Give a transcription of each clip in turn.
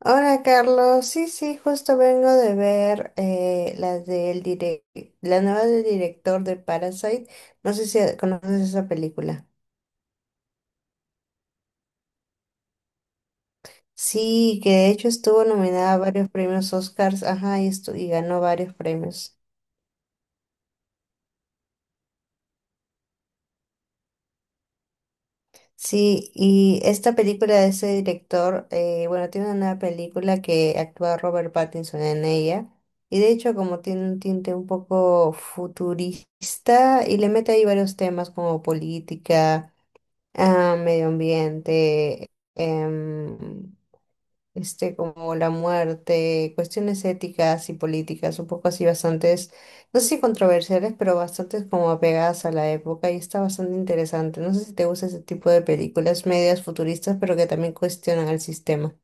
Hola Carlos, sí, sí, justo vengo de ver la nueva del director de Parasite. No sé si conoces esa película. Sí, que de hecho estuvo nominada a varios premios Oscars, ajá, y ganó varios premios. Sí, y esta película de ese director, bueno, tiene una nueva película que actúa Robert Pattinson en ella. Y de hecho, como tiene un tinte un poco futurista, y le mete ahí varios temas como política, medio ambiente, este, como la muerte, cuestiones éticas y políticas, un poco así bastantes, no sé si controversiales, pero bastantes como apegadas a la época y está bastante interesante. No sé si te gusta ese tipo de películas medias futuristas, pero que también cuestionan el sistema.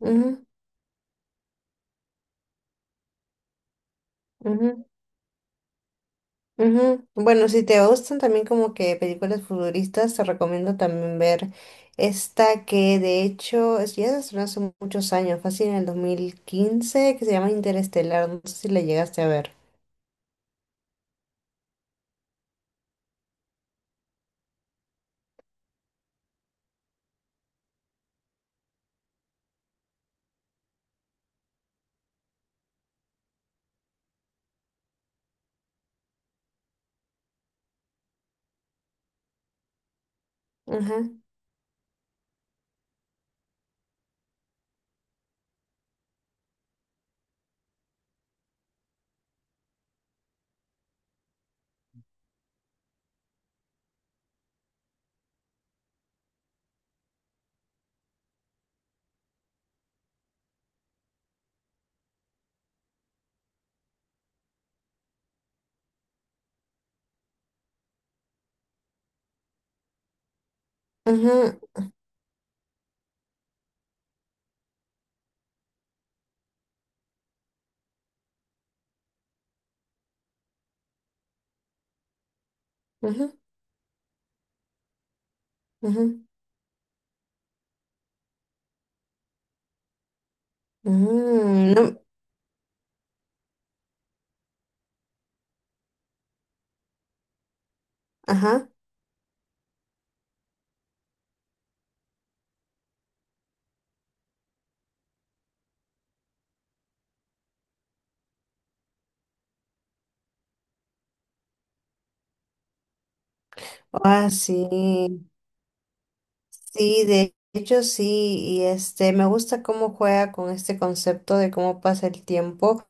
Ujú, ujú. Ujú. Bueno, si te gustan también como que películas futuristas, te recomiendo también ver esta que de hecho es, ya se estrenó hace muchos años, fácil en el 2015 que se llama Interestelar, no sé si la llegaste a ver. Ajá, ajá, ajá, ajá. Mm, no, ajá. Ah, sí. Sí, de hecho sí. Y este, me gusta cómo juega con este concepto de cómo pasa el tiempo,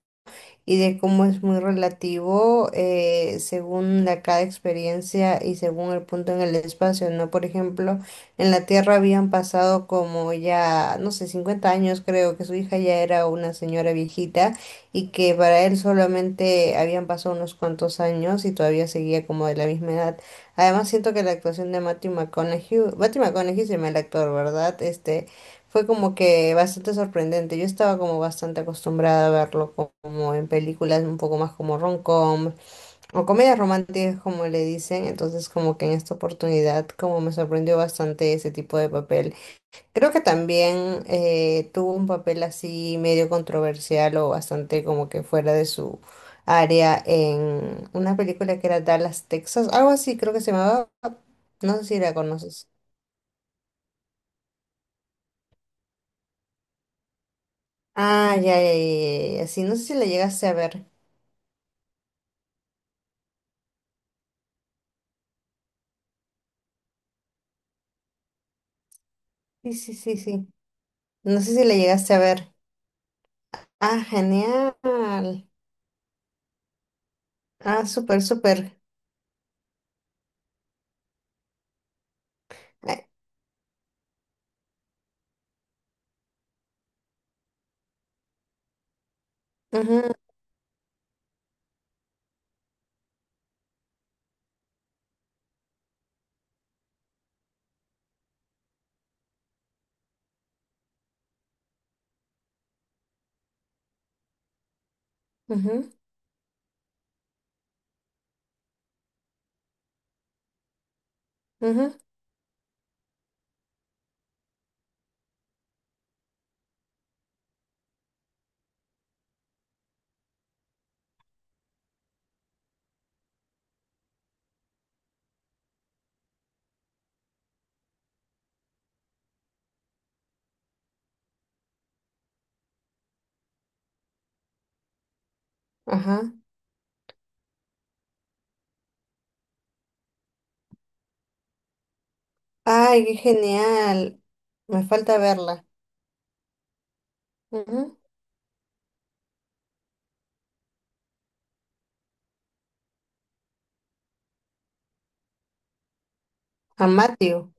y de cómo es muy relativo, según la cada experiencia y según el punto en el espacio, ¿no? Por ejemplo, en la Tierra habían pasado como ya, no sé, 50 años, creo que su hija ya era una señora viejita y que para él solamente habían pasado unos cuantos años y todavía seguía como de la misma edad. Además siento que la actuación de Matthew McConaughey, Matthew McConaughey se llama el actor, ¿verdad? Este, fue como que bastante sorprendente. Yo estaba como bastante acostumbrada a verlo como en películas un poco más como rom-com o comedias románticas como le dicen. Entonces como que en esta oportunidad como me sorprendió bastante ese tipo de papel. Creo que también tuvo un papel así medio controversial o bastante como que fuera de su área en una película que era Dallas, Texas. Algo así creo que se llamaba. No sé si la conoces. Ah, ya, ya, ya, ya, ya, sí, no sé si la llegaste a ver. Sí, sí, sí, sí. No sé si la llegaste a ver. Ah, genial. Ah, súper, súper. Ay, ujú, ujú, ujú, ajá. Ay, qué genial. Me falta verla. Ujú. A Matthew.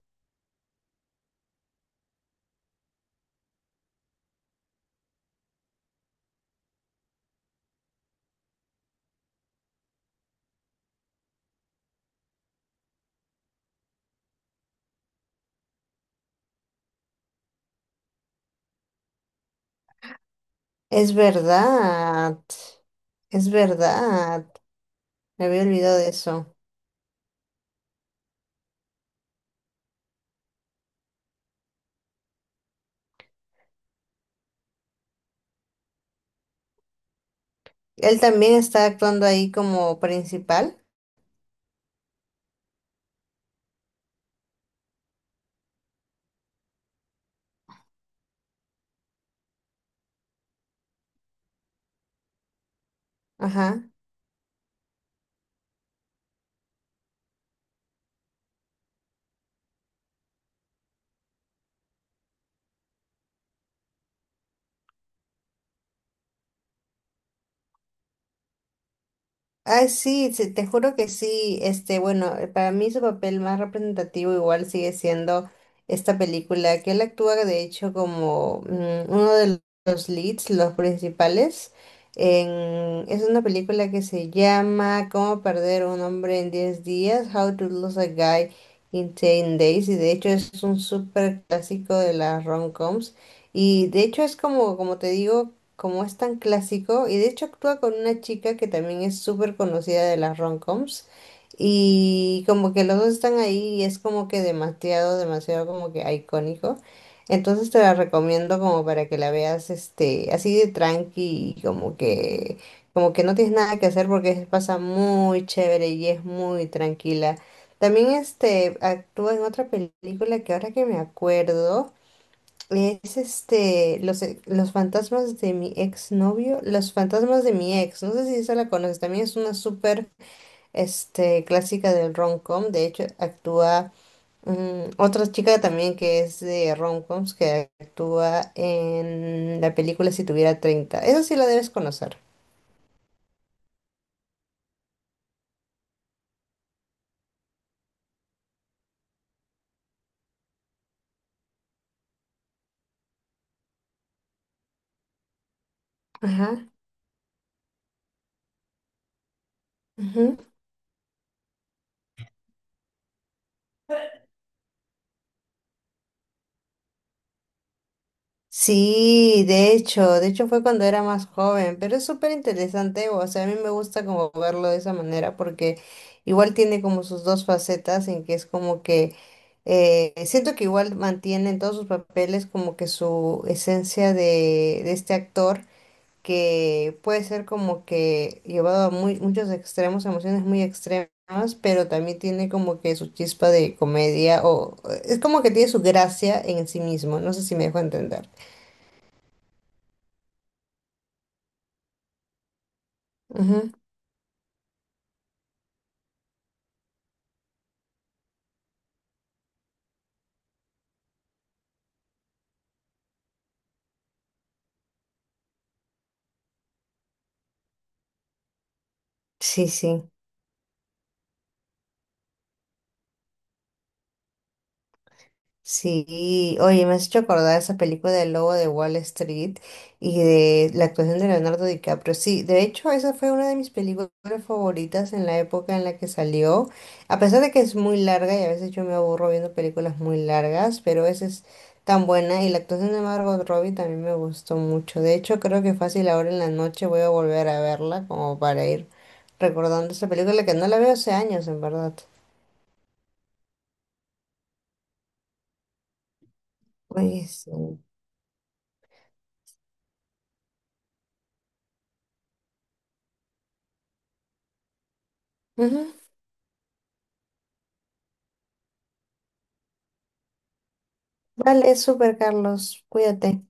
Es verdad. Es verdad. Me había olvidado de eso. Él también está actuando ahí como principal. Ajá. Ay, sí, sí, te juro que sí. Este, bueno, para mí su papel más representativo igual sigue siendo esta película, que él actúa de hecho como uno de los leads, los principales. Es una película que se llama Cómo perder a un hombre en 10 días, How to lose a guy in ten days, y de hecho es un súper clásico de las rom-coms. Y de hecho es como, como te digo, como es tan clásico, y de hecho actúa con una chica que también es súper conocida de las rom-coms, y como que los dos están ahí y es como que demasiado, demasiado como que icónico. Entonces te la recomiendo como para que la veas este, así de tranqui y como que no tienes nada que hacer porque se pasa muy chévere y es muy tranquila. También este actúa en otra película que ahora que me acuerdo. Es este, los fantasmas de mi exnovio, los fantasmas de mi ex, no sé si esa la conoces, también es una súper este, clásica del rom-com, de hecho actúa otra chica también que es de rom-coms que actúa en la película Si tuviera 30, esa sí la debes conocer. Ajá. Sí, de hecho fue cuando era más joven, pero es súper interesante, o sea, a mí me gusta como verlo de esa manera porque igual tiene como sus dos facetas en que es como que siento que igual mantiene en todos sus papeles como que su esencia de este actor, que puede ser como que llevado a muy, muchos extremos, emociones muy extremas, pero también tiene como que su chispa de comedia o es como que tiene su gracia en sí mismo, no sé si me dejo entender. Sí, sí, sí. Oye, me has hecho acordar esa película del Lobo de Wall Street y de la actuación de Leonardo DiCaprio. Sí, de hecho, esa fue una de mis películas favoritas en la época en la que salió. A pesar de que es muy larga y a veces yo me aburro viendo películas muy largas, pero esa es tan buena y la actuación de Margot Robbie también me gustó mucho. De hecho, creo que fácil ahora en la noche voy a volver a verla como para ir recordando esa película que no la veo hace años, en verdad. Oye, sí. Ujú. Vale, súper, Carlos. Cuídate.